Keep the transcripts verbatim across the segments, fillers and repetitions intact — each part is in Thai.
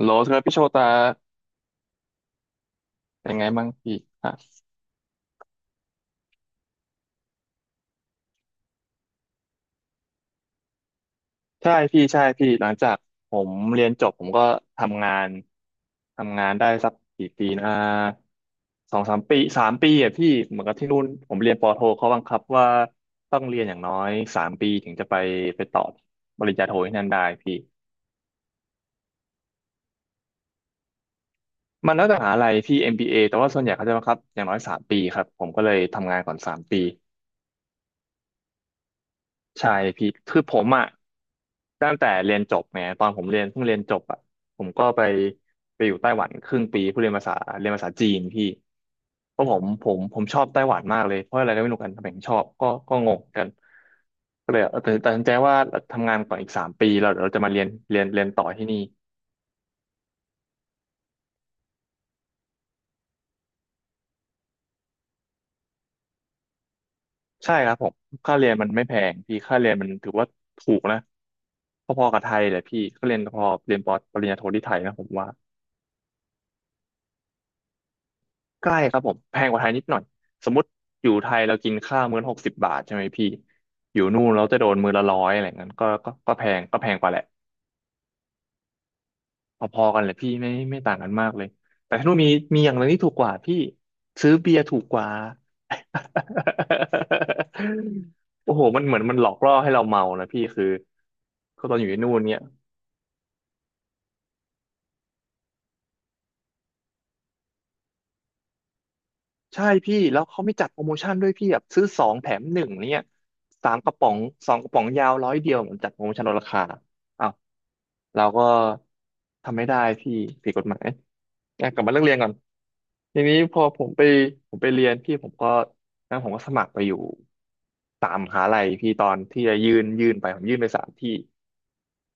โหลสครับพี่โชตาเป็นไงบ้างพี่อ่ะใช่พี่ใช่พี่หลังจากผมเรียนจบผมก็ทำงานทำงานได้สักกี่ปีนะสองสามปีสามปีอ่ะพี่เหมือนกับที่นู่นผมเรียนปอโทเขาบังคับว่าต้องเรียนอย่างน้อยสามปีถึงจะไปไปต่อปริญญาโทที่นั่นได้พี่มันแล้วแต่มหาลัยพี่ เอ็ม บี เอ แต่ว่าส่วนใหญ่เขาจะบังคับอย่างน้อยสามปีครับผมก็เลยทำงานก่อนสามปี ใช่พี่คือผมอ่ะตั้งแต่เรียนจบไงตอนผมเรียนเพิ่งเรียนจบอ่ะผมก็ไปไปอยู่ไต้หวันครึ่งปีเพื่อเรียนภาษาเรียนภาษาจีนพี่เพราะผมผมผมชอบไต้หวันมากเลยเพราะอะไรก็ไม่รู้กันทำไมถึงชอบก็ก็งงกันก็เลยเออตัดตัดสินใจว่าทำงานก่อนอีกสามปีเราเดี๋ยวเราจะมาเรียนเรียนเรียนต่อที่นี่ใช่ครับผมค่าเรียนมันไม่แพงพี่ค่าเรียนมันถือว่าถูกนะพอๆกับไทยแหละพี่ก็เรียนพอเรียนปอปริญญาโทที่ไทยนะผมว่า ใกล้ครับผมแพงกว่าไทยนิดหน่อยสมมติอยู่ไทยเรากินข้าวมื้อหกสิบบาทใช่ไหมพี่อยู่นู่นเราจะโดนมื้อละร้อยอะไรเงี้ยก็ก็ก็แพงก็แพงกว่าแหละพอๆกันเลยพี่ไม่ไม่ต่างกันมากเลยแต่ที่นู่นมีมีอย่างหนึงที่ถูกกว่าพี่ซื้อเบียร์ถูกกว่า โอ้โหมันเหมือนมันหลอกล่อให้เราเมานะพี่คือก็ตอนอยู่ที่นู่นเนี่ย ใช่พี่แล้วเขาไม่จัดโปรโมชั่นด้วยพี่แบบซื้อสองแถมหนึ่งเนี่ยสามกระป๋องสองกระป๋องยาวร้อยเดียวเหมือนจัดโปรโมชั่นลดราคาอ้าวเราก็ทำไม่ได้พี่ผิดกฎหมายอ่ะกลับมาเรื่องเรียนก่อนทีนี้พอผมไปผมไปเรียนพี่ผมก็นั้นผมก็สมัครไปอยู่สามมหาลัยพี่ตอนที่จะยื่นยื่นไปผมยื่นไปสามที่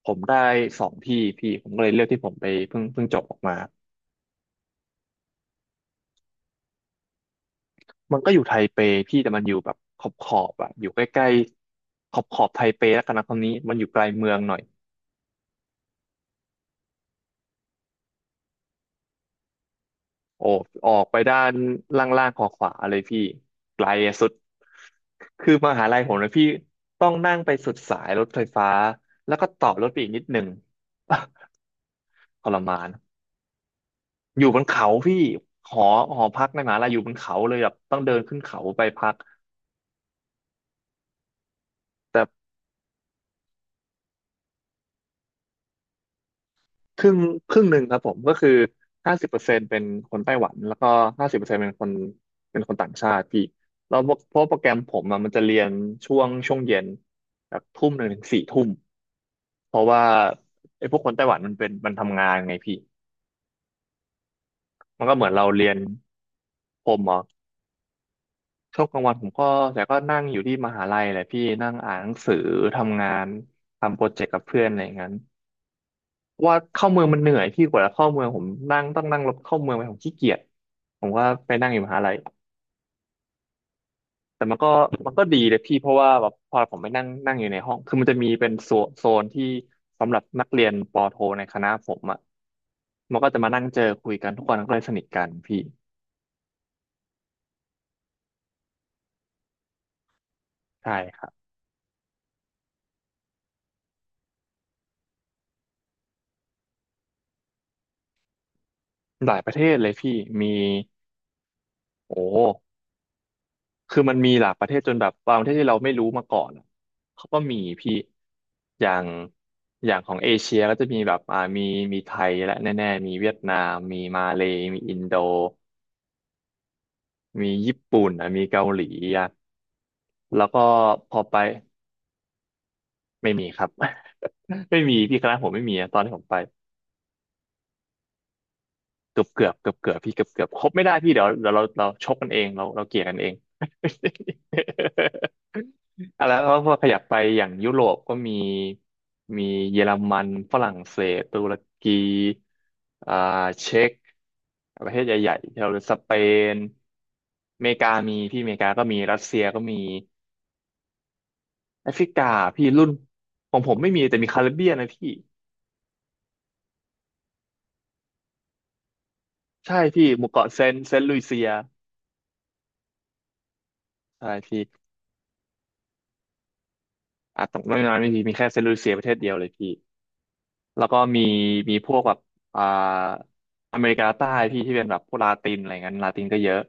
ผมได้สองที่พี่ผมก็เลยเลือกที่ผมไปเพิ่งเพิ่งจบออกมา มันก็อยู่ไทเปพี่แต่มันอยู่แบบขอบขอบอะอยู่ใกล้ๆขอบขอบไทเปแล้วกันนะตอนนี้มันอยู่ไกลเมืองหน่อยโอ้ออกไปด้านล่างๆขอขวาเลยพี่ไกลสุดคือมหาลัยผมนะพี่ต้องนั่งไปสุดสายรถไฟฟ้าแล้วก็ต่อรถไปอีกนิดหนึ่ง ทรมานอยู่บนเขาพี่หอหอพักในมหาลัยอยู่บนเขาเลยแบบต้องเดินขึ้นเขาไปพักแต่ ครึ่งครึ่งหนึ่งครับผมก็คือห้าสิบเปอร์เซ็นต์เป็นคนไต้หวันแล้วก็ห้าสิบเปอร์เซ็นต์เป็นคนเป็นคนต่างชาติพี่แล้วเพราะโปรแกรมผมอะมันจะเรียนช่วงช่วงเย็นแบบทุ่มหนึ่งถึงสี่ทุ่มเพราะว่าไอ้พวกคนไต้หวันมันเป็นมันทำงานไงพี่มันก็เหมือนเราเรียนผมเหรอช่วงกลางวันผมก็แต่ก็นั่งอยู่ที่มหาลัยแหละพี่นั่งอ่านหนังสือทำงานทำโปรเจกต์กับเพื่อนอะไรอย่างนั้น เพราะว่าเข้าเมืองมันเหนื่อยพี่กว่าจะเข้าเมืองผมนั่งต้องนั่งรถเข้าเมืองไปผมขี้เกียจผมก็ไปนั่งอยู่มหาลัยแต่มันก็มันก็ดีเลยพี่เพราะว่าแบบพอผมไปนั่งนั่งอยู่ในห้องคือมันจะมีเป็นโซนโซนที่สำหรับนักเรียนปอโทในคณะผมอ่ะมันก็จะมานั่งเจอคุยกันทุกคนก็เลยสนิทกันพี่ใช่ครับหลายประเทศเลยพี่มีโอ้ คือมันมีหลายประเทศจนแบบบางประเทศที่เราไม่รู้มาก่อนอะเขาก็มีพี่อย่างอย่างของเอเชียก็จะมีแบบอ่ามีมีไทยและแน่ๆมีเวียดนามมีมาเลย์มีอินโดมีญี่ปุ่นอ่ะมีเกาหลีอ่ะแล้วก็พอไปไม่มีครับ ไม่มีพี่คณะผมไม่มีอะตอนที่ผมไปเกือบเกือบเกือบเกือบพี่เกือบเกือบครบไม่ได้พี่เดี๋ยวเดี๋ยวเราเราชกกันเองเราเราเกลี่ยกันเอง อ่ะแล้วก็พอขยับไปอย่างยุโรปก็มีมีเยอรมันฝรั่งเศสตุรกีอ่าเช็กประเทศใหญ่ๆที่เราสเปนอเมริกามีพี่อเมริกาก็มีรัสเซียก็มีแอฟริกาพี่รุ่นของผมไม่มีแต่มีคาริบเบียนนะพี่ใช่พี่หมู่เกาะเซนต์เซนต์ลุยเซียใช่พี่อ่ะตรงนั้นไม่มีมีแค่เซนต์ลุยเซียประเทศเดียวเลยพี่แล้วก็มีมีพวกแบบอ่าอเมริกาใต้พี่ที่เป็นแบบพวกลาตินอะไรเงี้ยลาตินก็เยอะ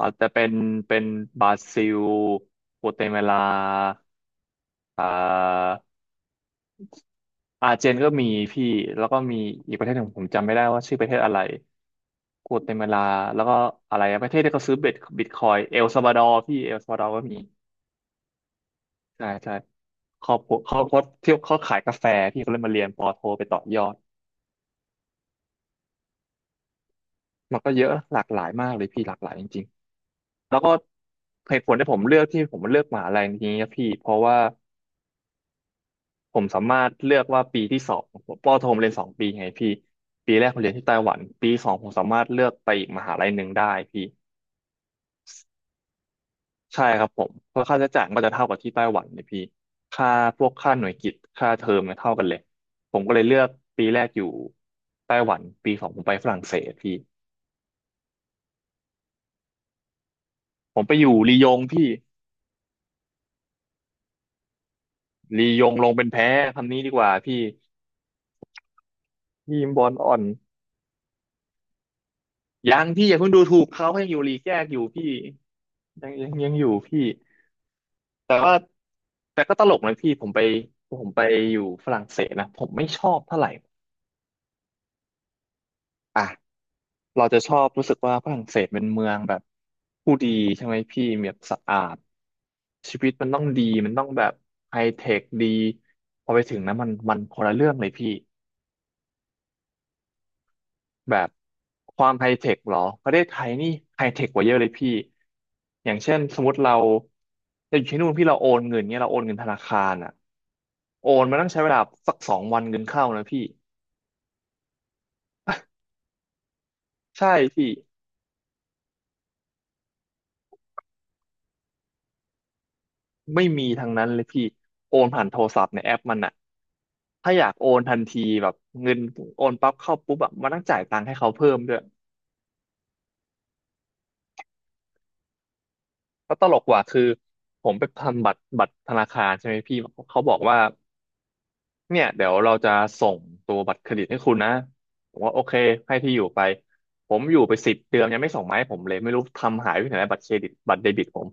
อาจจะเป็นเป็นบราซิลโกเตมาลาอ่าอาร์เจนก็มีพี่แล้วก็มีอีกประเทศหนึ่งผมจำไม่ได้ว่าชื่อประเทศอะไรโกเตมาลาแล้วก็อะไรอะประเทศที่เขาซื้อเบ็ดบิตคอยเอลซัลวาดอร์พี่เอลซัลวาดอร์ก็มีใช่ใช่ครอบครัวเขาเขาที่เขาขายกาแฟพี่เขาเลยมาเรียนปอโทไปต่อยอดมันก็เยอะหลากหลายมากเลยพี่หลากหลายจริงๆแล้วก็เหตุผลที่ผมเลือกที่ผมเลือกมหาลัยนี้นะพี่เพราะว่า ผมสามารถเลือกว่าปีที่สองผมปอโทผมเรียนสองปีไงพี่ปีแรกผมเรียนที่ไต้หวันปีสองผมสามารถเลือกไปอีกมหาลัยหนึ่งได้พี่ใช่ครับผมเพราะค่าใช้จ่ายมันก็จะเท่ากับที่ไต้หวันเลยพี่ค่าพวกค่าหน่วยกิตค่าเทอมเนี่ยเท่ากันเลยผมก็เลยเลือกปีแรกอยู่ไต้หวันปีสองผมไปฝรั่งเศสพี่ผมไปอยู่ลียงพี่ลียงลงเป็นแพ้คำนี้ดีกว่าพี่ทีมบอลอ่อนยังพี่อย่าเพิ่งดูถูกเขาให้อยู่ลีกแยกอยู่พี่ยังยังยังอยู่พี่ แต่ว่าแต่ก็ตลกนะพี่ผมไปผมไปอยู่ฝรั่งเศสนะผมไม่ชอบเท่าไหร่อ่ะเราจะชอบรู้สึกว่าฝรั่งเศสเป็นเมืองแบบผู้ดีใช่ไหมพี่มีแบบสะอาดชีวิตมันต้องดีมันต้องแบบไฮเทคดีพอไปถึงนะมันมันคนละเรื่องเลยพี่แบบความไฮเทคเหรอประเทศไทยนี่ไฮเทคกว่าเยอะเลยพี่อย่างเช่นสมมติเราจะอยู่ที่นู่นพี่เราโอนเงินเนี่ยเราโอนเงินธนาคารอ่ะโอนมันต้องใช้เวลาสักสองวันเงินเข้านะพี่ ใช่พี่ไม่มีทางนั้นเลยพี่โอนผ่านโทรศัพท์ในแอปมันอะถ้าอยากโอนทันทีแบบเงินโอนปั๊บเข้าปุ๊บแบบมันต้องจ่ายตังค์ให้เขาเพิ่มด้วยแล้วตลกกว่าคือผมไปทำบัตรบัตรธนาคารใช่ไหมพี่เขาบอกว่าเนี่ยเดี๋ยวเราจะส่งตัวบัตรเครดิตให้คุณนะผมว่าโอเคให้ที่อยู่ไปผมอยู่ไปสิบเดือนยังไม่ส่งมาให้ผมเลยไม่รู้ทำหายไปไหนแล้วบัตรเครดิตบัตรเดบิตผม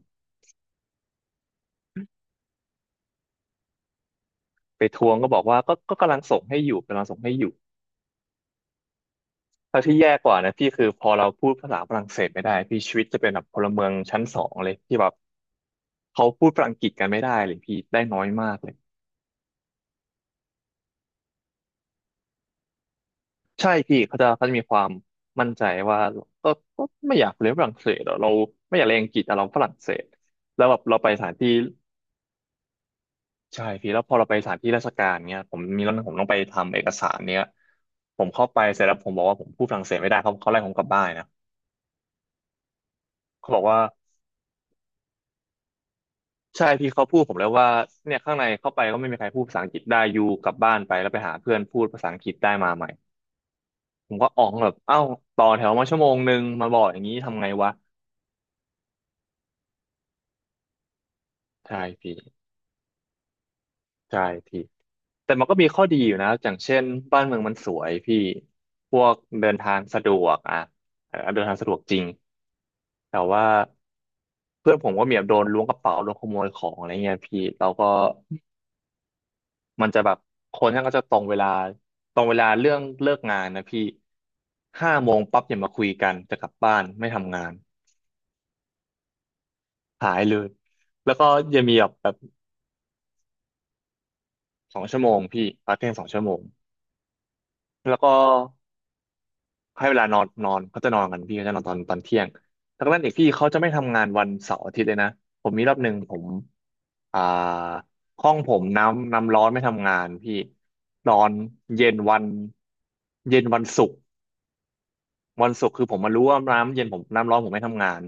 ไปทวงก็บอกว่าก็ก็กำลังส่งให้อยู่กำลังส่งให้อยู่ แล้วที่แย่กว่านะพี่คือพอเราพูดภาษาฝรั่งเศสไม่ได้พี่ชีวิตจะเป็นแบบพลเมืองชั้นสองเลยที่แบบเขาพูดฝรั่งอังกฤษกันไม่ได้เลยพี่ได้น้อยมากเลยใช่พี่เขาจะเขาจะมีความมั่นใจว่าก็ก็ไม่อยากเรียนฝรั่งเศสหรอกเราไม่อยากเรียนอังกฤษแต่เราฝรั่งเศสแล้วแบบเราไปสถานที่ใช่พี่แล้วพอเราไปสถานที่ราชการเนี้ยผมมีเรื่องผมต้องไปทำเอกสารเนี้ยผมเข้าไปเสร็จแล้วผมบอกว่าผมพูดฝรั่งเศสไม่ได้เขาเขาไล่ผมกลับบ้านนะเขาบอกว่า ใช่พี่เขาพูดผมแล้วว่าเนี่ยข้างในเข้าไปก็ไม่มีใครพูดภาษาอังกฤษได้อยู่กลับบ้านไปแล้วไปหาเพื่อนพูดภาษาอังกฤษได้มาใหม่ผมก็อ๋องแบบเอ้าต่อแถวมาชั่วโมงหนึ่งมาบอกอย่างนี้ทำไงวะใช่พี่ใช่พี่แต่มันก็มีข้อดีอยู่นะอย่างเช่นบ้านเมืองมันสวยพี่พวกเดินทางสะดวกอ่ะเออเดินทางสะดวกจริงแต่ว่าเพื่อนผมก็มีแบบโดนล้วงกระเป๋าโดนขโมยของอะไรเงี้ยพี่เราก็ มันจะแบบคนท่านก็จะตรงเวลาตรงเวลาเรื่องเลิกงานนะพี่ห้าโมงปั๊บอย่ามาคุยกันจะกลับบ้านไม่ทำงานหายเลยแล้วก็จะมีแบบแบบสองชั่วโมงพี่พักเที่ยงสองชั่วโมงแล้วก็ให้เวลานอนนอนเขาจะนอนกันพี่เขาจะนอนตอนตอนเที่ยงดังนั้นอีกพี่เขาจะไม่ทำงานวันเสาร์อาทิตย์เลยนะผมมีรอบหนึ่งผมอ่าห้องผมน้ำน้ำร้อนไม่ทำงานพี่นอนเย็นวันเย็นวันศุกร์ วันศุกร์คือผมมารู้ว่าน้ำเย็นผมน้ำร้อนผมไม่ทำงาน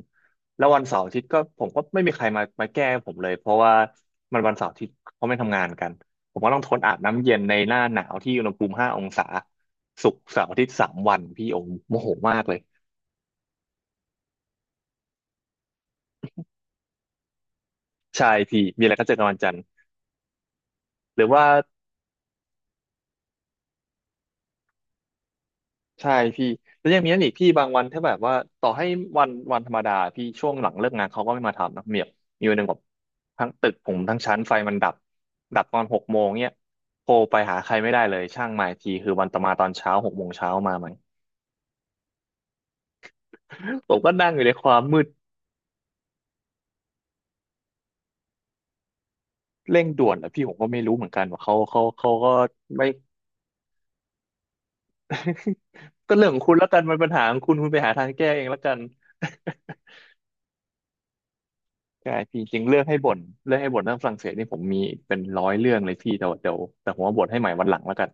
แล้ววันเสาร์อาทิตย์ก็ผมก็ไม่มีใครมามาแก้ผมเลยเพราะว่ามันวันเสาร์อาทิตย์เขาไม่ทำงานกันผมก็ต้องทนอาบน้ำเย็นในหน้าหนาวที่อุณหภูมิห้าองศาศุกร์เสาร์อาทิตย์สามวันพี่โอมโมโหมากเลยใช่พี่มีอะไรก็เจอกันวันจันทร์หรือว่า ใช่พี่แล้วยังมีนั่นอีกพี่บางวันถ้าแบบว่าต่อให้วันวันธรรมดาพี่ช่วงหลังเลิกงานเขาก็ไม่มาทำนะเมียมีวันหนึ่งแบบทั้งตึกผมทั้งชั้นไฟมันดับดับตอนหกโมงเนี่ยโทรไปหาใครไม่ได้เลยช่างมาอีกทีคือวันต่อมาตอนเช้าหกโมงเช้ามาไหม ผมก็นั่งอยู่ในความมืดเร่งด่วนอะพี่ผมก็ไม่รู้เหมือนกันว่าเขาเขาเขาก็ไม่ก็เรื่องของคุณแล้วกันมันปัญหาของคุณคุณไปหาทางแก้เองแล้วกัน ใช่พี่จริงเลือกให้บ่นเลือกให้บ่นเรื่องฝรั่งเศสนี่ผมมีเป็นร้อยเรื่องเลยพี่แต่ว่าเดี๋ยวแต่ผมว่าบ่นให้ใหม่วันหลังแล้วกัน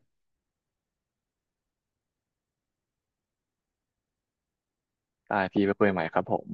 ได้พี่ไปคุยใหม่ครับผม